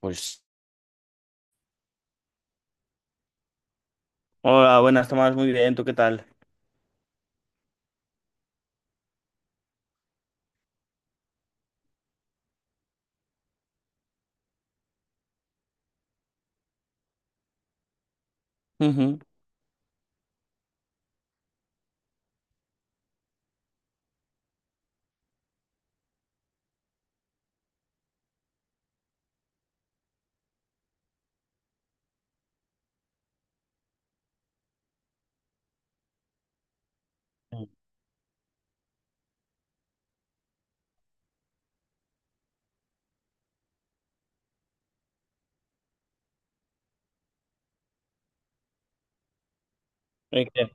Pues hola, buenas, Tomás, muy bien, ¿tú qué tal? Ujú. ¿Qué?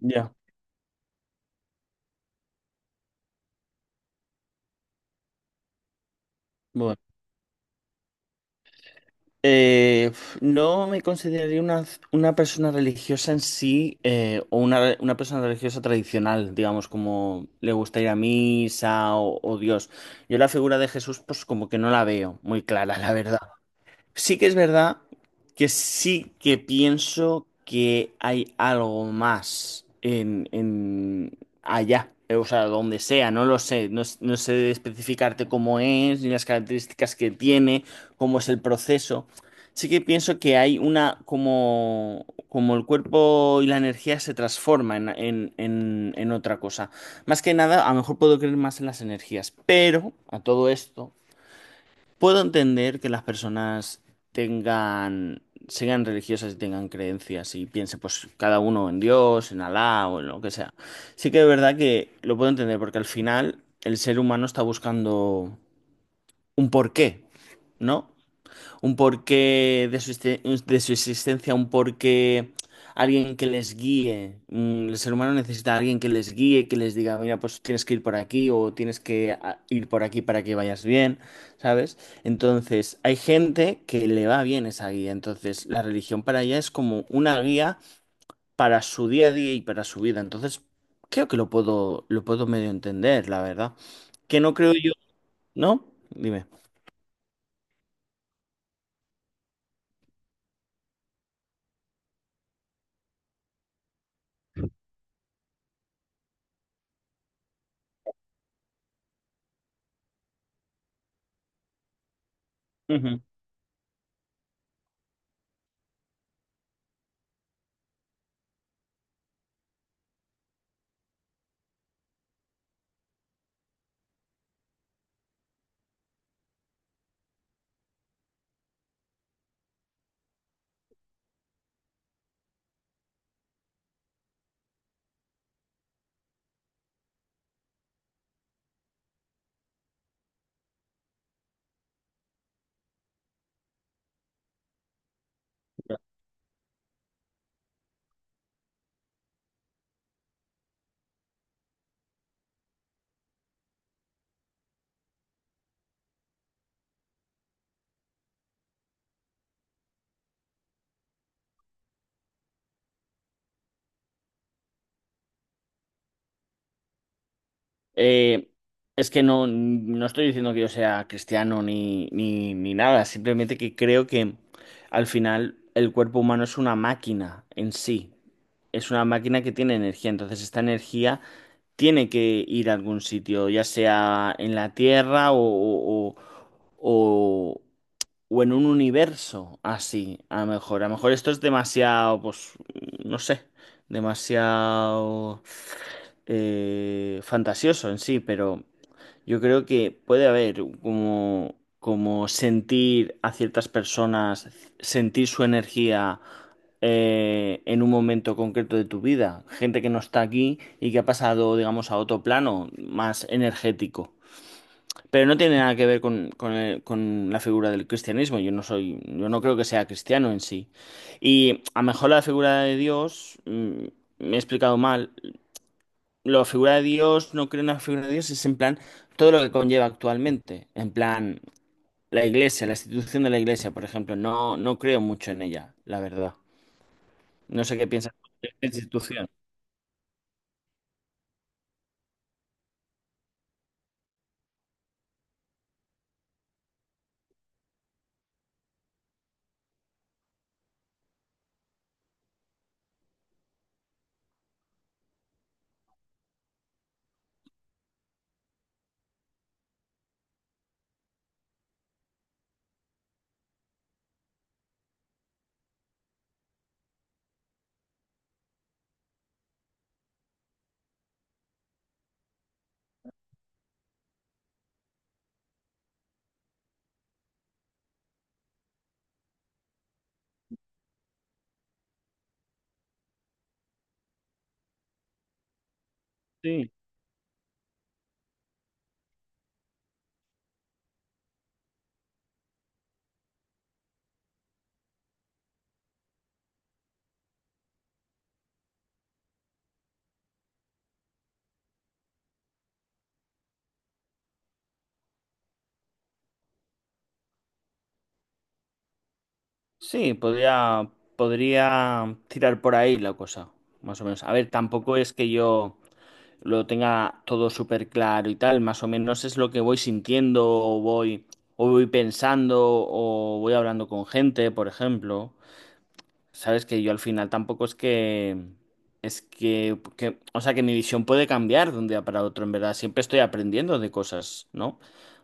Ya. Bueno, no me consideraría una persona religiosa en sí, o una persona religiosa tradicional, digamos, como le gusta ir a misa o Dios. Yo la figura de Jesús, pues como que no la veo muy clara, la verdad. Sí que es verdad que sí que pienso que hay algo más en allá, o sea, donde sea, no lo sé, no sé especificarte cómo es, ni las características que tiene, cómo es el proceso. Sí que pienso que hay una, como, como el cuerpo y la energía se transforma en otra cosa. Más que nada, a lo mejor puedo creer más en las energías, pero a todo esto, puedo entender que las personas tengan, sean religiosas y tengan creencias y piensen, pues, cada uno en Dios, en Alá o en lo que sea. Sí que es verdad que lo puedo entender porque al final el ser humano está buscando un porqué, ¿no? Un porqué de de su existencia, un porqué, alguien que les guíe. El ser humano necesita a alguien que les guíe, que les diga, mira, pues tienes que ir por aquí o tienes que ir por aquí para que vayas bien, ¿sabes? Entonces, hay gente que le va bien esa guía, entonces la religión para ella es como una guía para su día a día y para su vida. Entonces, creo que lo puedo medio entender, la verdad. Que no creo yo, ¿no? Dime. Eh, es que no estoy diciendo que yo sea cristiano ni nada, simplemente que creo que al final el cuerpo humano es una máquina en sí, es una máquina que tiene energía, entonces esta energía tiene que ir a algún sitio, ya sea en la tierra o- o- o en un universo así, a lo mejor. A lo mejor esto es demasiado, pues, no sé, demasiado fantasioso en sí, pero yo creo que puede haber como, como sentir a ciertas personas, sentir su energía. Eh, en un momento concreto de tu vida, gente que no está aquí y que ha pasado, digamos, a otro plano más energético. Pero no tiene nada que ver con la figura del cristianismo. Yo no soy, yo no creo que sea cristiano en sí. Y a lo mejor la figura de Dios, me he explicado mal. La figura de Dios, no creo en la figura de Dios, es en plan todo lo que conlleva actualmente. En plan, la iglesia, la institución de la iglesia, por ejemplo. No creo mucho en ella, la verdad. No sé qué piensas de esta institución. Sí. Sí, podría, podría tirar por ahí la cosa, más o menos. A ver, tampoco es que yo lo tenga todo súper claro y tal. Más o menos es lo que voy sintiendo o voy pensando o voy hablando con gente, por ejemplo. Sabes que yo al final tampoco es que... Es que, o sea, que mi visión puede cambiar de un día para otro, en verdad. Siempre estoy aprendiendo de cosas, ¿no?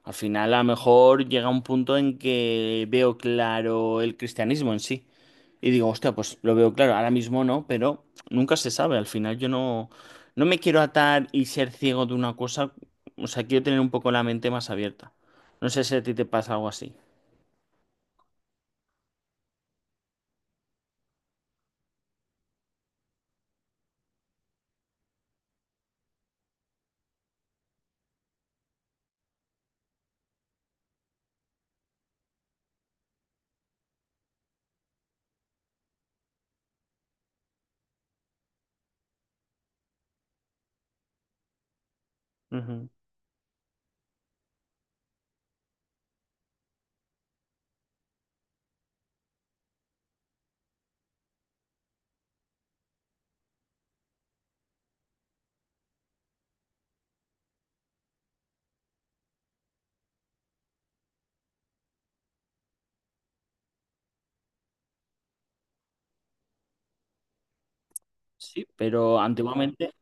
Al final, a lo mejor llega un punto en que veo claro el cristianismo en sí. Y digo, hostia, pues lo veo claro, ahora mismo no, pero nunca se sabe. Al final yo no, no me quiero atar y ser ciego de una cosa. O sea, quiero tener un poco la mente más abierta. No sé si a ti te pasa algo así. Ujú. Sí, pero antiguamente,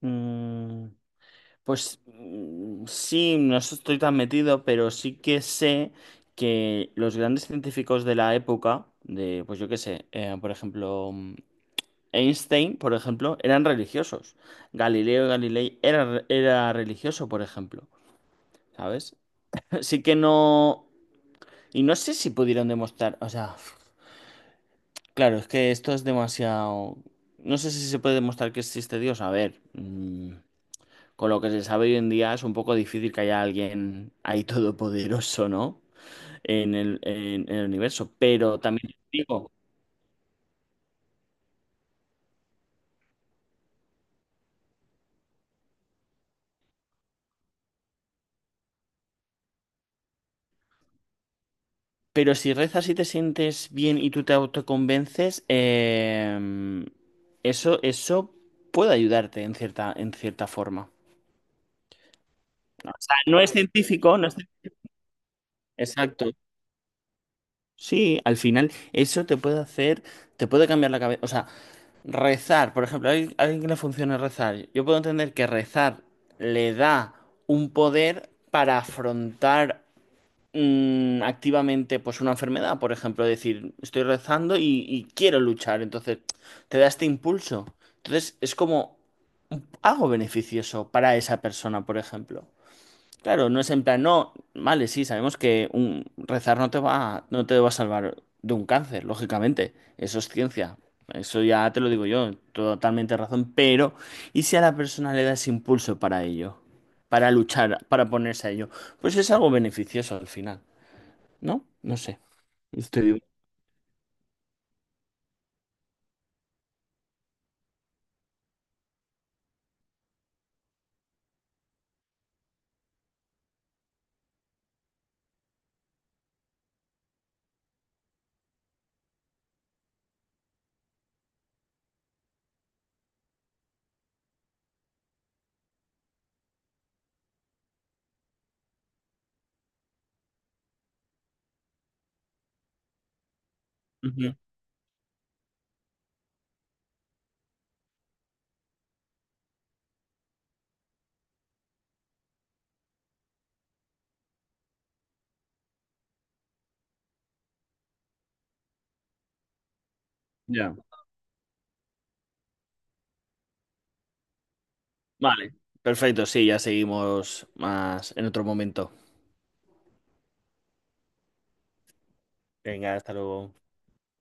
mm, pues sí, no estoy tan metido, pero sí que sé que los grandes científicos de la época, de, pues yo qué sé, por ejemplo, Einstein, por ejemplo, eran religiosos. Galileo Galilei era religioso, por ejemplo. ¿Sabes? Sí que no... Y no sé si pudieron demostrar... O sea, claro, es que esto es demasiado... No sé si se puede demostrar que existe Dios. A ver, con lo que se sabe hoy en día es un poco difícil que haya alguien ahí todopoderoso, ¿no? En el universo. Pero también te digo... Pero si rezas y te sientes bien y tú te autoconvences, eso puede ayudarte en cierta forma. No es científico, no es... cien- exacto. Sí, al final eso te puede hacer, te puede cambiar la cabeza. O sea, rezar, por ejemplo, hay alguien a alguien que le funciona rezar. Yo puedo entender que rezar le da un poder para afrontar activamente pues una enfermedad, por ejemplo, decir, estoy rezando y quiero luchar, entonces te da este impulso. Entonces es como algo beneficioso para esa persona, por ejemplo. Claro, no es en plan, no, vale, sí, sabemos que un, rezar no te va a salvar de un cáncer, lógicamente, eso es ciencia. Eso ya te lo digo yo, totalmente razón, pero ¿y si a la persona le das impulso para ello? Para luchar, para ponerse a ello. Pues es algo beneficioso al final. ¿No? No sé. Estoy... Ujú. Ya. Vale. Perfecto, sí, ya seguimos más en otro momento. Venga, hasta luego.